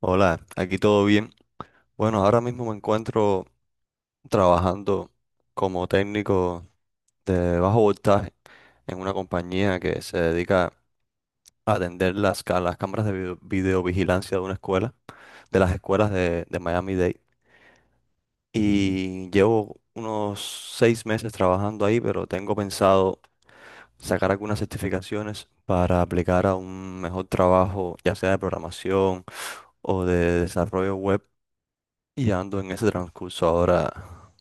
Hola, aquí todo bien. Bueno, ahora mismo me encuentro trabajando como técnico de bajo voltaje en una compañía que se dedica a atender las, las cámaras de videovigilancia de una escuela, de las escuelas de Miami-Dade. Y llevo unos 6 meses trabajando ahí, pero tengo pensado sacar algunas certificaciones para aplicar a un mejor trabajo, ya sea de programación o de desarrollo web. Y ando en ese transcurso ahora.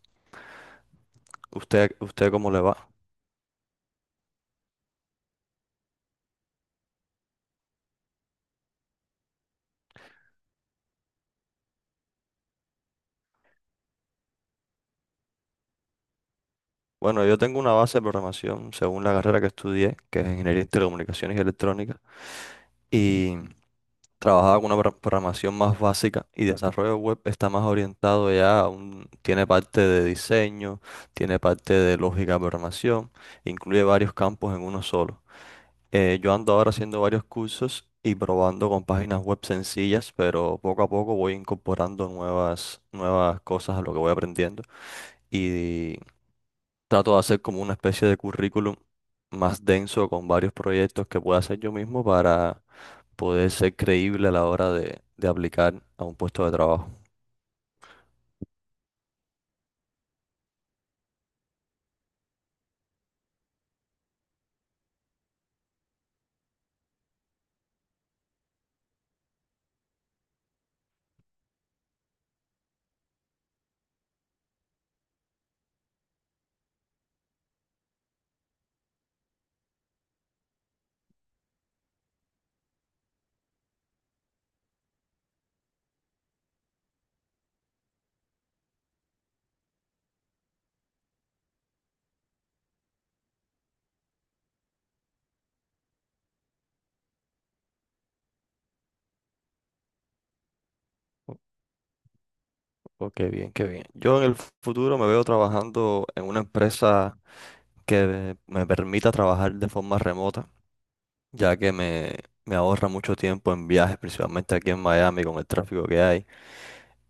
¿Usted cómo le va? Bueno, yo tengo una base de programación según la carrera que estudié, que es Ingeniería en Telecomunicaciones y Electrónica, y trabajaba con una programación más básica, y desarrollo web está más orientado ya, tiene parte de diseño, tiene parte de lógica de programación, incluye varios campos en uno solo. Yo ando ahora haciendo varios cursos y probando con páginas web sencillas, pero poco a poco voy incorporando nuevas cosas a lo que voy aprendiendo. y Trato de hacer como una especie de currículum más denso con varios proyectos que pueda hacer yo mismo para poder ser creíble a la hora de aplicar a un puesto de trabajo. O- o qué bien, qué bien. Yo en el futuro me veo trabajando en una empresa que me permita trabajar de forma remota ya me ahorra mucho tiempo en viajes, principalmente aquí en Miami con el tráfico que hay.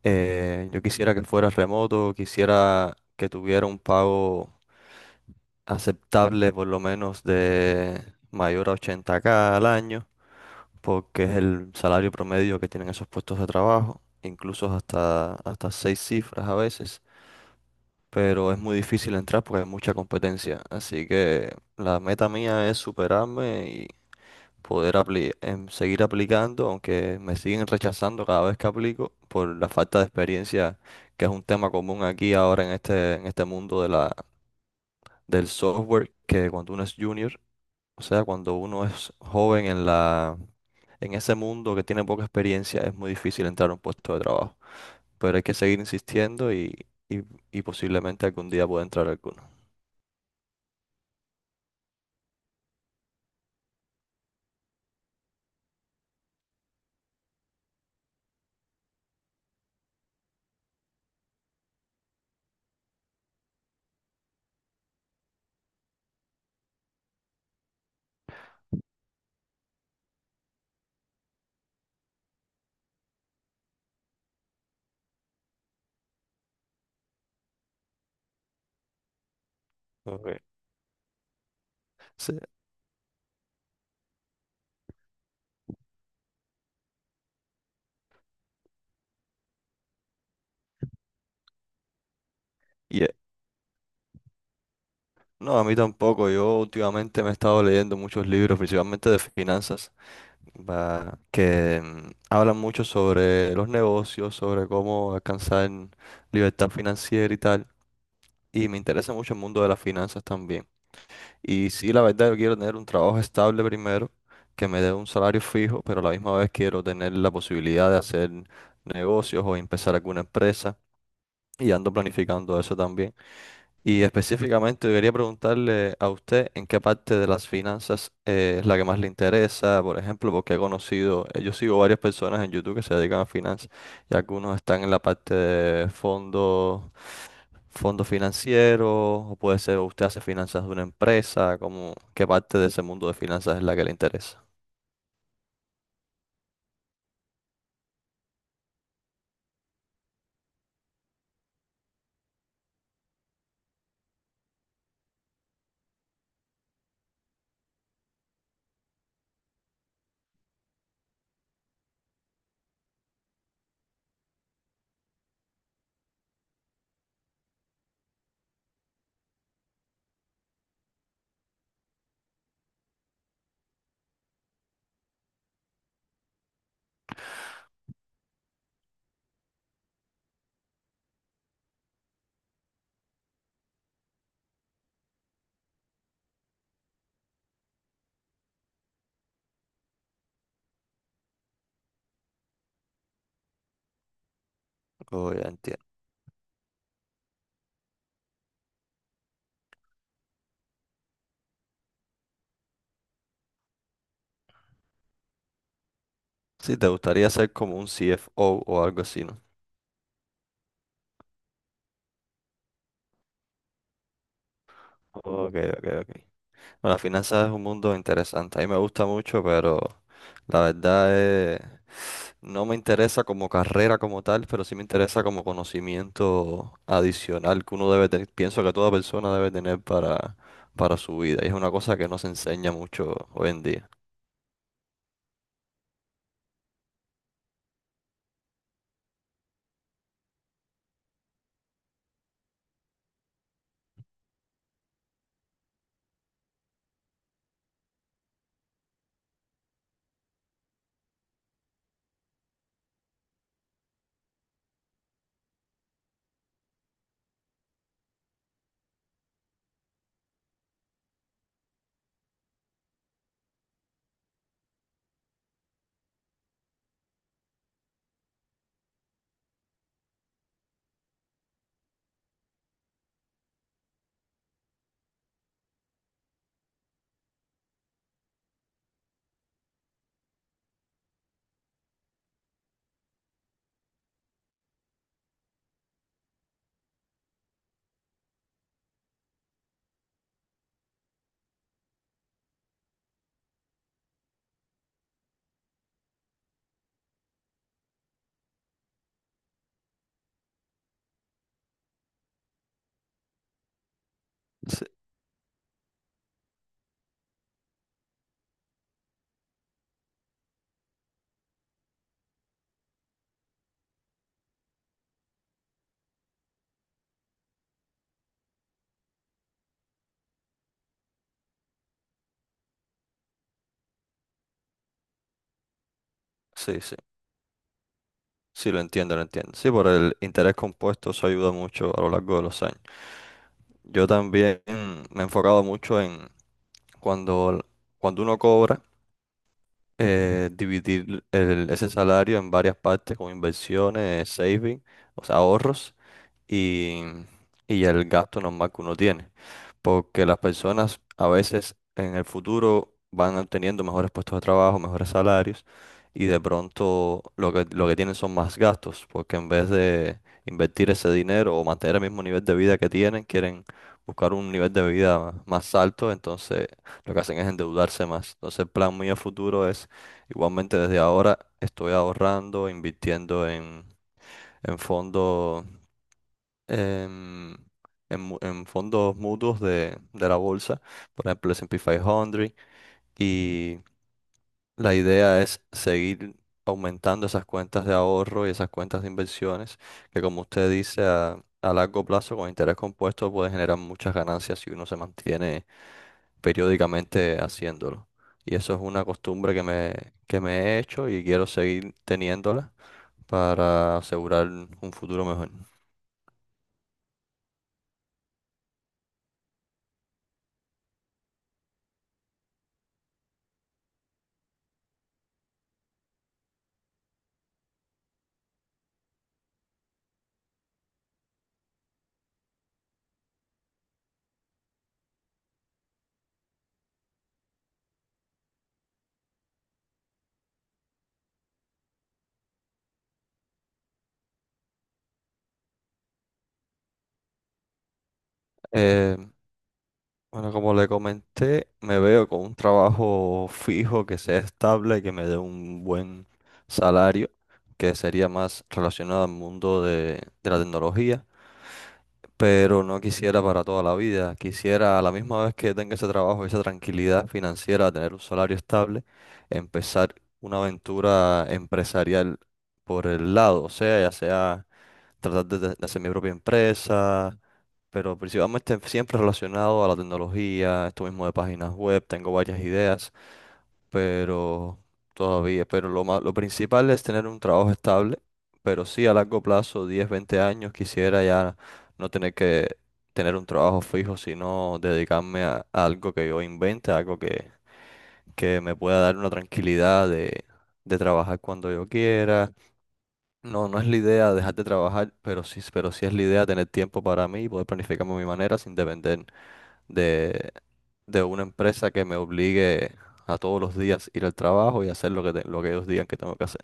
Yo quisiera que fuera remoto, quisiera que tuviera un pago aceptable por lo menos de mayor a 80K al año, porque es el salario promedio que tienen esos puestos de trabajo, incluso hasta seis cifras a veces, pero es muy difícil entrar porque hay mucha competencia, así que la meta mía es superarme, poder seguir aplicando, aunque me siguen rechazando cada vez que aplico por la falta de experiencia, que es un tema común aquí ahora en en este mundo del software, que cuando uno es junior, o sea, cuando uno es joven en en ese mundo, que tiene poca experiencia, es muy difícil entrar a un puesto de trabajo. Pero hay que seguir y, y posiblemente algún día pueda entrar alguno. Ok. Sí. y, No, a mí tampoco. Yo últimamente me he estado leyendo muchos libros, principalmente de finanzas, hablan mucho sobre los negocios, sobre cómo alcanzar libertad financiera y tal. Y me interesa mucho el mundo de las finanzas también. Y sí, la verdad, yo quiero tener un trabajo estable primero, que me dé un salario fijo, pero a la misma vez quiero tener la posibilidad de hacer negocios o empezar alguna empresa. Y ando planificando eso también. Y específicamente quería preguntarle a usted en qué parte de las finanzas es la que más le interesa, por ejemplo, porque he conocido, yo sigo varias personas en YouTube que se dedican a finanzas, y algunos están en la parte de fondos, fondos financieros, o puede ser usted hace finanzas de una empresa, como qué parte de ese mundo de finanzas es la que le interesa. Oh, ya entiendo. Sí, te gustaría ser como un CFO o algo así, ¿no? Ok, ok, ok. Bueno, las finanzas es un mundo interesante. A mí me gusta mucho, pero la verdad es, no me interesa como carrera como tal, pero sí me interesa como conocimiento adicional que uno debe tener, pienso que toda persona debe tener para su vida. Y es una cosa que no se enseña mucho hoy en día. Sí, sí, sí. Sí, lo entiendo, lo entiendo. Sí, por el interés compuesto eso ayuda mucho a lo largo de los años. Yo también me he enfocado mucho en cuando, cuando uno cobra. Dividir ese salario en varias partes con inversiones, saving, o sea, y, y el gasto normal que uno tiene. Porque las personas a veces en el futuro van obteniendo mejores puestos de trabajo, mejores salarios, y de pronto lo que tienen son más gastos, porque en vez de invertir ese dinero o mantener el mismo nivel de vida que tienen, quieren buscar un nivel de vida más alto, entonces lo que hacen es endeudarse más. Entonces el plan muy a futuro es, igualmente desde ahora estoy ahorrando, invirtiendo en fondos, en, en en fondos mutuos de la bolsa, por ejemplo, el S&P 500, y la idea es seguir aumentando esas cuentas de ahorro y esas cuentas de inversiones, que como usted dice, a largo plazo, con interés compuesto, puede generar muchas ganancias si uno se mantiene periódicamente haciéndolo. Y eso es una costumbre que me he hecho y quiero seguir teniéndola para asegurar un futuro mejor. Eh, Bueno, como le comenté, me veo con un trabajo fijo que sea estable, que me dé un buen salario, que sería más relacionado al mundo de la tecnología, pero no quisiera para toda la vida. Quisiera a la misma vez que tenga ese trabajo, esa tranquilidad financiera, tener un salario estable, empezar una aventura empresarial por el lado, o sea, ya sea tratar de hacer mi propia empresa, pero principalmente siempre relacionado a la tecnología, esto mismo de páginas web, tengo varias ideas, pero todavía, pero lo principal es tener un trabajo estable, pero sí a largo plazo, 10, 20 años, quisiera ya no tener que tener un trabajo fijo, sino dedicarme a algo que yo invente, algo que me pueda dar una tranquilidad de trabajar cuando yo quiera. No, no es la idea dejar de trabajar, pero sí es la idea tener tiempo para mí y poder planificarme a mi manera sin depender de, de una empresa que me obligue a todos los días ir al trabajo y hacer lo lo que ellos digan que tengo que hacer.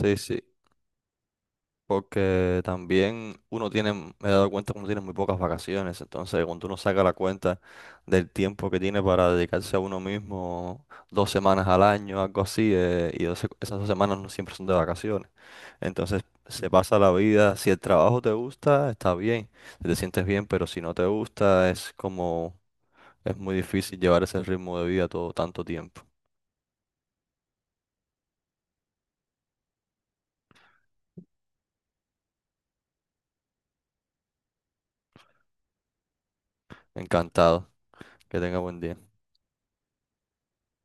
Sí, sí, porque también uno tiene, me he dado cuenta que uno tiene muy pocas vacaciones, entonces cuando uno saca la cuenta del tiempo que tiene para dedicarse a uno mismo, 2 semanas al año, algo así, esas dos semanas no siempre son de vacaciones. Entonces se pasa la vida, si el trabajo te gusta, está bien, si te sientes bien, pero si no te gusta, es muy difícil llevar ese ritmo de vida todo tanto tiempo. Encantado, que tenga buen día.